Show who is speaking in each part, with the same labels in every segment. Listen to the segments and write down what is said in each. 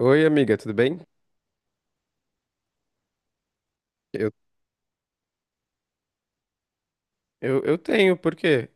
Speaker 1: Oi, amiga, tudo bem? Eu, eu tenho, por quê?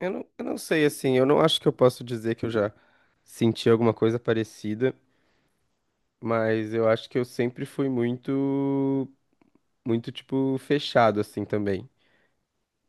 Speaker 1: Eu não sei, assim, eu não acho que eu posso dizer que eu já senti alguma coisa parecida, mas eu acho que eu sempre fui muito, muito, tipo, fechado, assim, também,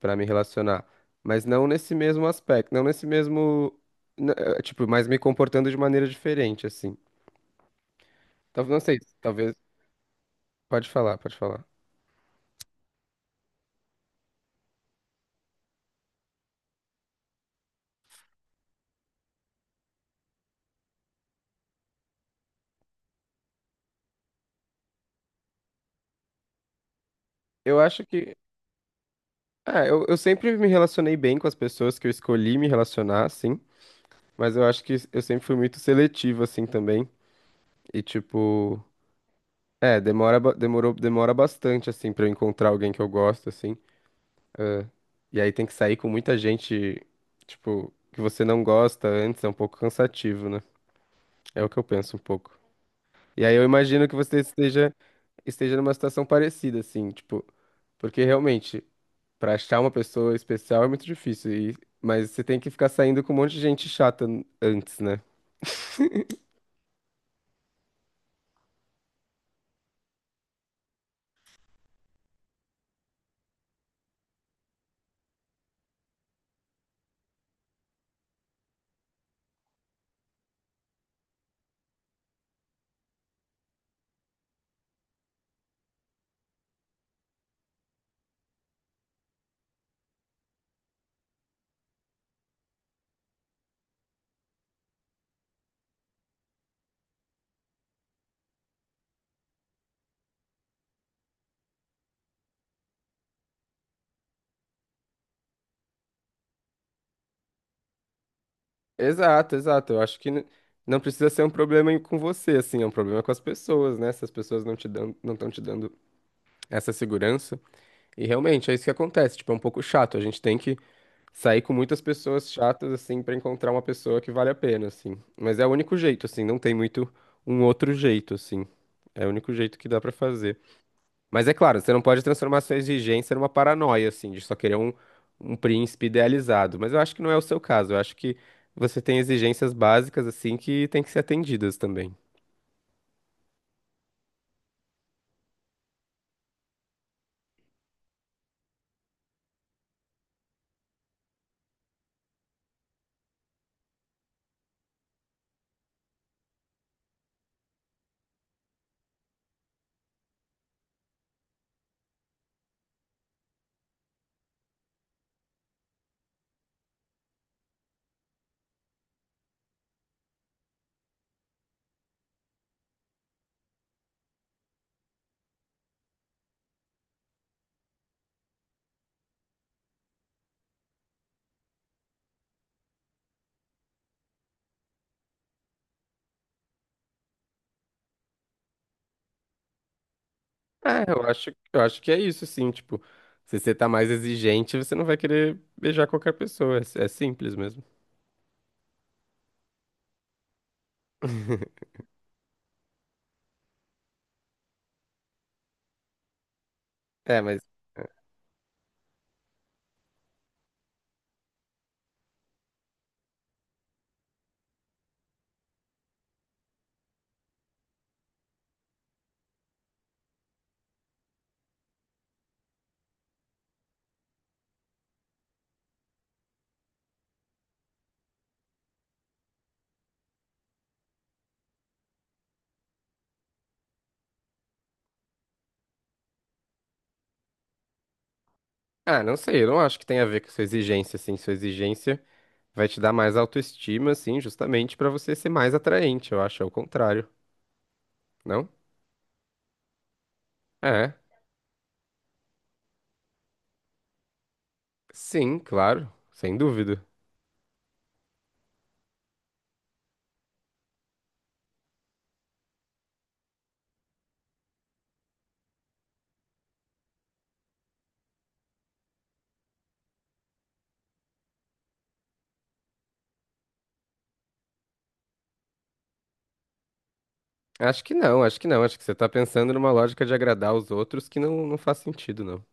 Speaker 1: pra me relacionar. Mas não nesse mesmo aspecto, não nesse mesmo, tipo, mas me comportando de maneira diferente, assim. Talvez, não sei, talvez, pode falar, pode falar. Eu acho que, ah, eu sempre me relacionei bem com as pessoas que eu escolhi me relacionar, assim. Mas eu acho que eu sempre fui muito seletivo, assim, também. E, tipo, é, demora bastante, assim, pra eu encontrar alguém que eu gosto, assim. Ah, e aí tem que sair com muita gente, tipo, que você não gosta antes, é um pouco cansativo, né? É o que eu penso um pouco. E aí eu imagino que você esteja numa situação parecida, assim, tipo, porque realmente, pra achar uma pessoa especial é muito difícil, e, mas você tem que ficar saindo com um monte de gente chata n- antes, né? Exato, exato. Eu acho que não precisa ser um problema com você, assim, é um problema com as pessoas, né? Se as pessoas não te dão, não estão te dando essa segurança. E realmente é isso que acontece, tipo, é um pouco chato. A gente tem que sair com muitas pessoas chatas, assim, pra encontrar uma pessoa que vale a pena, assim. Mas é o único jeito, assim, não tem muito um outro jeito, assim. É o único jeito que dá pra fazer. Mas é claro, você não pode transformar sua exigência numa paranoia, assim, de só querer um príncipe idealizado. Mas eu acho que não é o seu caso. Eu acho que você tem exigências básicas, assim, que tem que ser atendidas também. É, eu acho que é isso, sim. Tipo, se você tá mais exigente, você não vai querer beijar qualquer pessoa. É, é simples mesmo. É, mas. Ah, não sei, eu não acho que tem a ver com sua exigência, assim. Sua exigência vai te dar mais autoestima, assim, justamente pra você ser mais atraente. Eu acho, é o contrário, não? É. Sim, claro, sem dúvida. Acho que não, acho que não. Acho que você tá pensando numa lógica de agradar os outros que não, não faz sentido, não.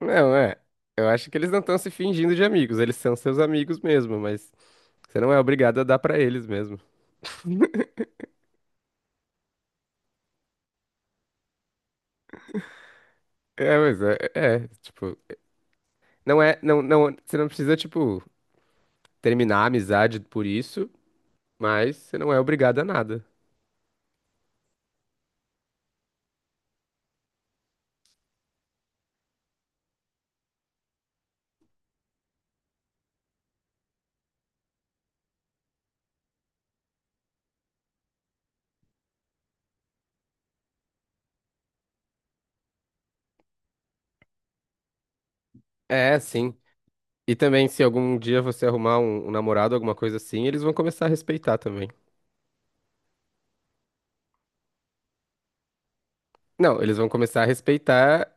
Speaker 1: Não, é. Eu acho que eles não estão se fingindo de amigos, eles são seus amigos mesmo, mas você não é obrigado a dar pra eles mesmo. É, mas tipo, não é, não, não, você não precisa, tipo, terminar a amizade por isso, mas você não é obrigado a nada. É, sim. E também, se algum dia você arrumar um namorado, alguma coisa assim, eles vão começar a respeitar também. Não, eles vão começar a respeitar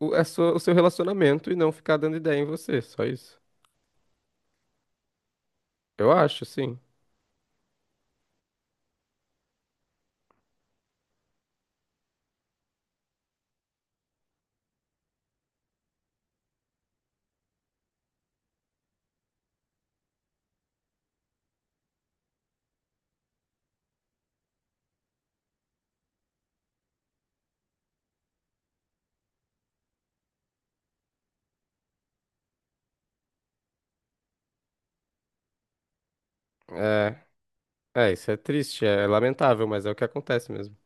Speaker 1: o seu relacionamento e não ficar dando ideia em você, só isso. Eu acho, sim. É, é, isso é triste, é lamentável, mas é o que acontece mesmo.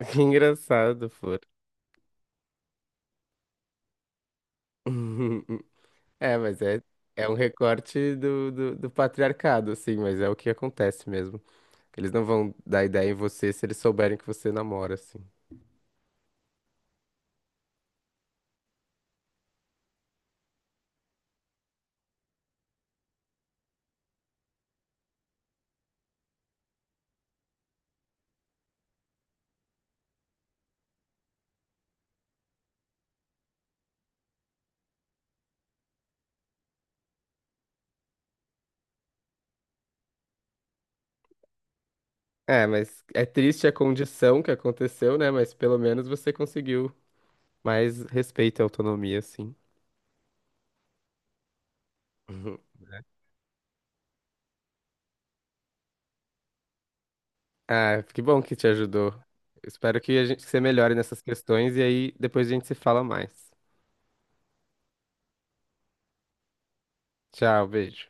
Speaker 1: Que engraçado, for. É, mas é, é um recorte do patriarcado, assim, mas é o que acontece mesmo. Eles não vão dar ideia em você se eles souberem que você namora, assim. É, mas é triste a condição que aconteceu, né? Mas pelo menos você conseguiu mais respeito e autonomia, assim. Ah, que bom que te ajudou. Espero que a gente que você melhore nessas questões e aí depois a gente se fala mais. Tchau, beijo.